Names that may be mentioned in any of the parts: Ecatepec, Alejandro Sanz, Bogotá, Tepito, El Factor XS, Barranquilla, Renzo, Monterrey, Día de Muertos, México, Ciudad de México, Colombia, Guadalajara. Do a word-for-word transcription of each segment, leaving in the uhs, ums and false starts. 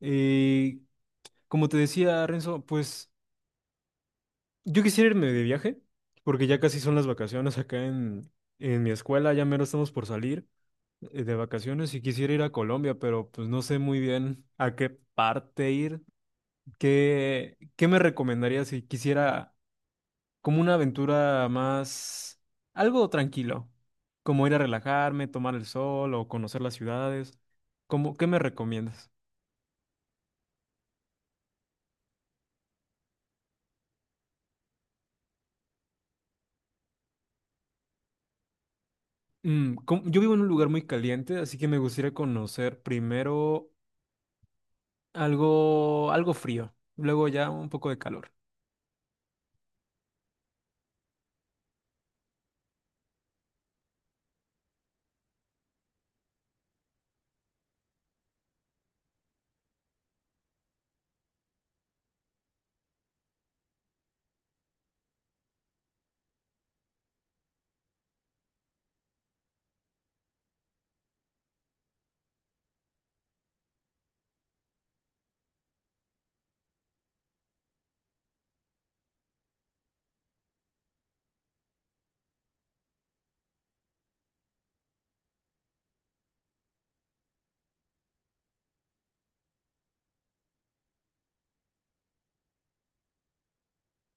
Eh, Como te decía, Renzo, pues yo quisiera irme de viaje, porque ya casi son las vacaciones acá en, en mi escuela, ya mero estamos por salir eh, de vacaciones y quisiera ir a Colombia, pero pues no sé muy bien a qué parte ir. ¿Qué, qué me recomendarías si quisiera como una aventura más, algo tranquilo, como ir a relajarme, tomar el sol o conocer las ciudades? ¿Cómo, qué me recomiendas? Mm, com- yo vivo en un lugar muy caliente, así que me gustaría conocer primero algo, algo frío, luego ya un poco de calor.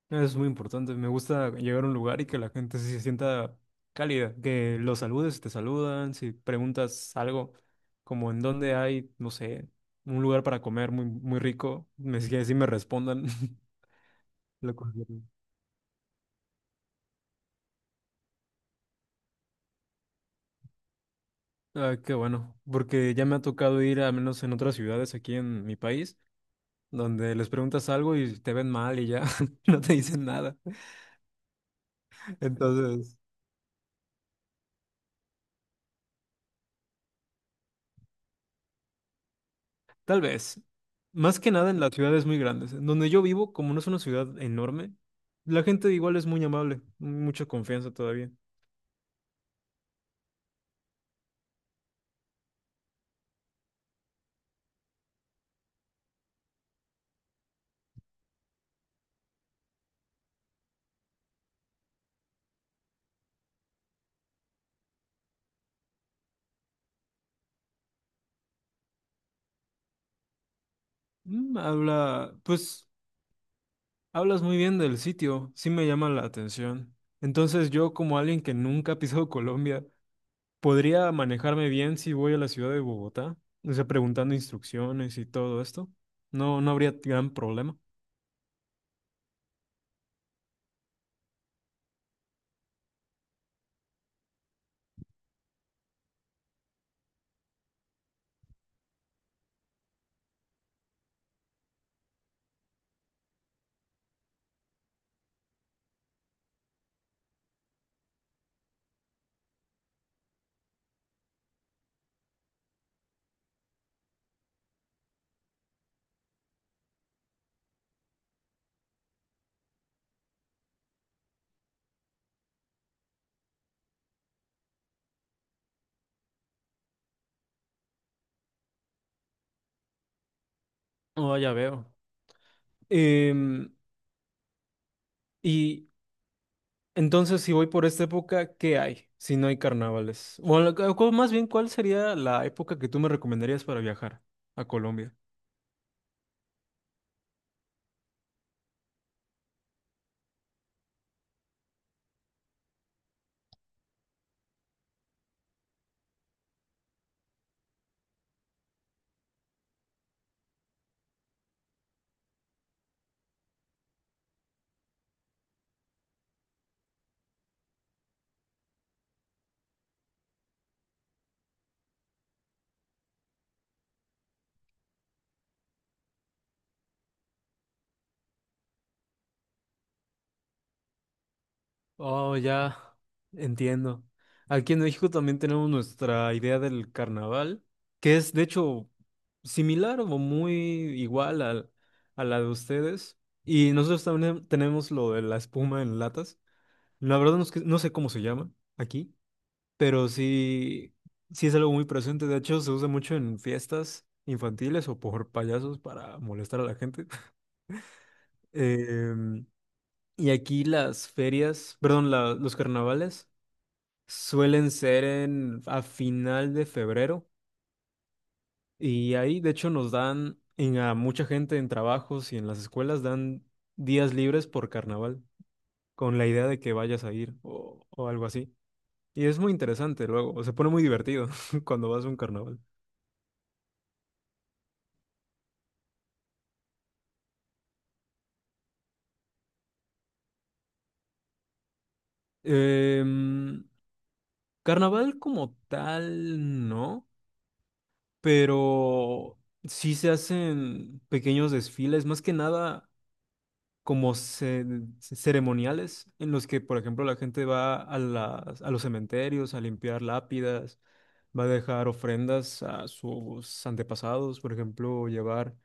Eso es muy importante. Me gusta llegar a un lugar y que la gente se sienta cálida, que los saludes, si te saludan, si preguntas algo como en dónde hay, no sé, un lugar para comer muy, muy rico, me, si si me respondan. Lo considero. Ah, qué bueno, porque ya me ha tocado ir, al menos en otras ciudades aquí en mi país, donde les preguntas algo y te ven mal y ya no te dicen nada. Entonces, tal vez, más que nada en las ciudades muy grandes, en donde yo vivo, como no es una ciudad enorme, la gente igual es muy amable, mucha confianza todavía. Mm, Habla, pues, Hablas muy bien del sitio, sí me llama la atención. Entonces, yo como alguien que nunca ha pisado Colombia, ¿podría manejarme bien si voy a la ciudad de Bogotá? O sea, preguntando instrucciones y todo esto. No, no habría gran problema. Oh, ya veo. Em, y entonces, si voy por esta época, ¿qué hay si no hay carnavales? O la- o cu- Más bien, ¿cuál sería la época que tú me recomendarías para viajar a Colombia? Oh, ya entiendo. Aquí en México también tenemos nuestra idea del carnaval, que es de hecho similar o muy igual al- a, la de ustedes. Y nosotros también tenemos lo de la espuma en latas. La verdad no es que- no sé cómo se llama aquí, pero sí, sí es algo muy presente. De hecho, se usa mucho en fiestas infantiles o por payasos para molestar a la gente. Em, y aquí las ferias, perdón, la- los carnavales suelen ser en, a final de febrero. Y ahí, de hecho, nos dan en, a mucha gente en trabajos y en las escuelas dan días libres por carnaval, con la idea de que vayas a ir o, o algo así. Y es muy interesante luego, se pone muy divertido cuando vas a un carnaval. Em, Carnaval como tal, no, pero sí se hacen pequeños desfiles, más que nada como ce- ceremoniales, en los que, por ejemplo, la gente va a las, a los cementerios a limpiar lápidas, va a dejar ofrendas a sus antepasados, por ejemplo, llevar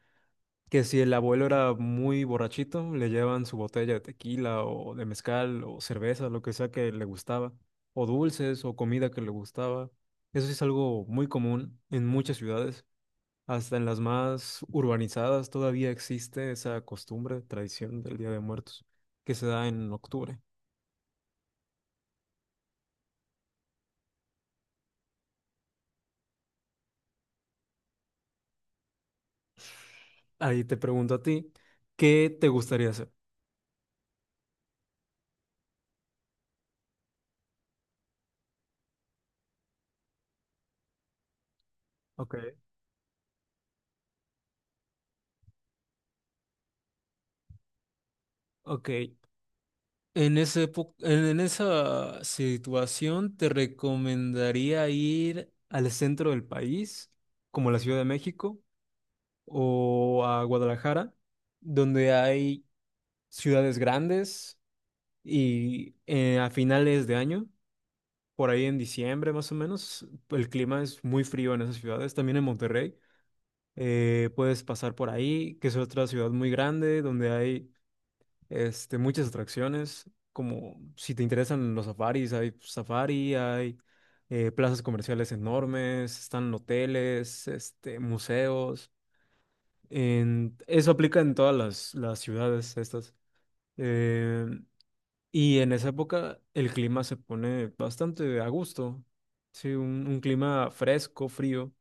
que si el abuelo era muy borrachito, le llevan su botella de tequila o de mezcal o cerveza, lo que sea que le gustaba, o dulces o comida que le gustaba. Eso sí es algo muy común en muchas ciudades, hasta en las más urbanizadas todavía existe esa costumbre, tradición del Día de Muertos, que se da en octubre. Ahí te pregunto a ti, ¿qué te gustaría hacer? Ok, ok. En ese epo- en, en esa situación te recomendaría ir al centro del país, como la Ciudad de México o a Guadalajara, donde hay ciudades grandes y eh, a finales de año, por ahí en diciembre más o menos, el clima es muy frío en esas ciudades, también en Monterrey. Eh, puedes pasar por ahí, que es otra ciudad muy grande, donde hay este, muchas atracciones, como si te interesan los safaris, hay safari, hay eh, plazas comerciales enormes, están hoteles, este, museos. En- eso aplica en todas las, las ciudades estas. Eh, y en esa época el clima se pone bastante a gusto. Sí, un, un clima fresco, frío,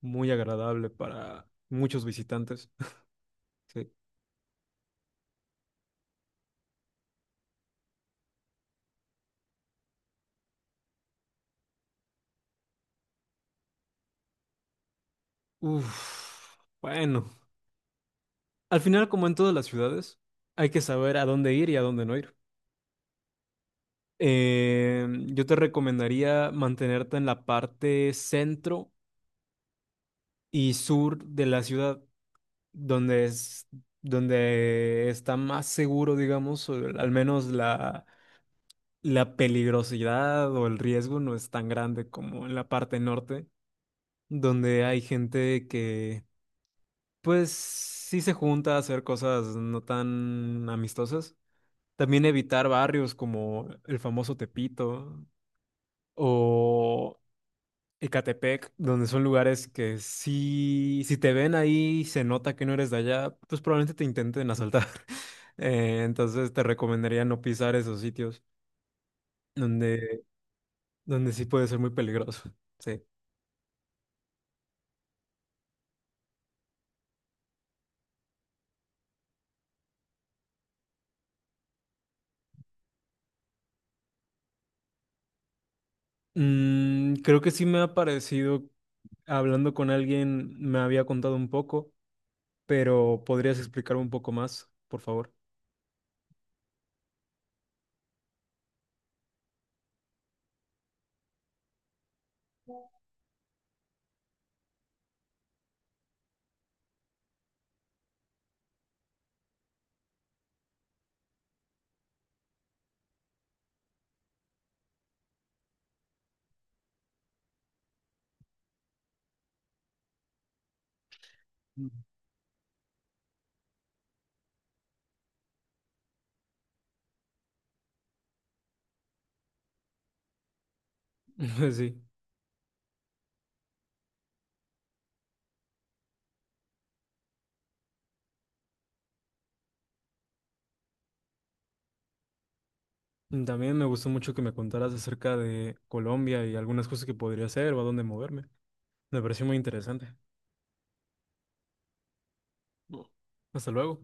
muy agradable para muchos visitantes. Sí. Uf, bueno. Al final, como en todas las ciudades, hay que saber a dónde ir y a dónde no ir. Eh, yo te recomendaría mantenerte en la parte centro y sur de la ciudad, donde es, donde está más seguro, digamos, o al menos la, la peligrosidad o el riesgo no es tan grande como en la parte norte, donde hay gente que, pues, sí se junta a hacer cosas no tan amistosas. También evitar barrios como el famoso Tepito o Ecatepec, donde son lugares que si, si te ven ahí y se nota que no eres de allá, pues probablemente te intenten asaltar. Eh, entonces te recomendaría no pisar esos sitios donde, donde sí puede ser muy peligroso. Sí. Mm, creo que sí me ha parecido, hablando con alguien, me había contado un poco, pero ¿podrías explicar un poco más, por favor? Mm. Sí. También me gustó mucho que me contaras acerca de Colombia y algunas cosas que podría hacer o a dónde moverme. Me pareció muy interesante. Hasta luego.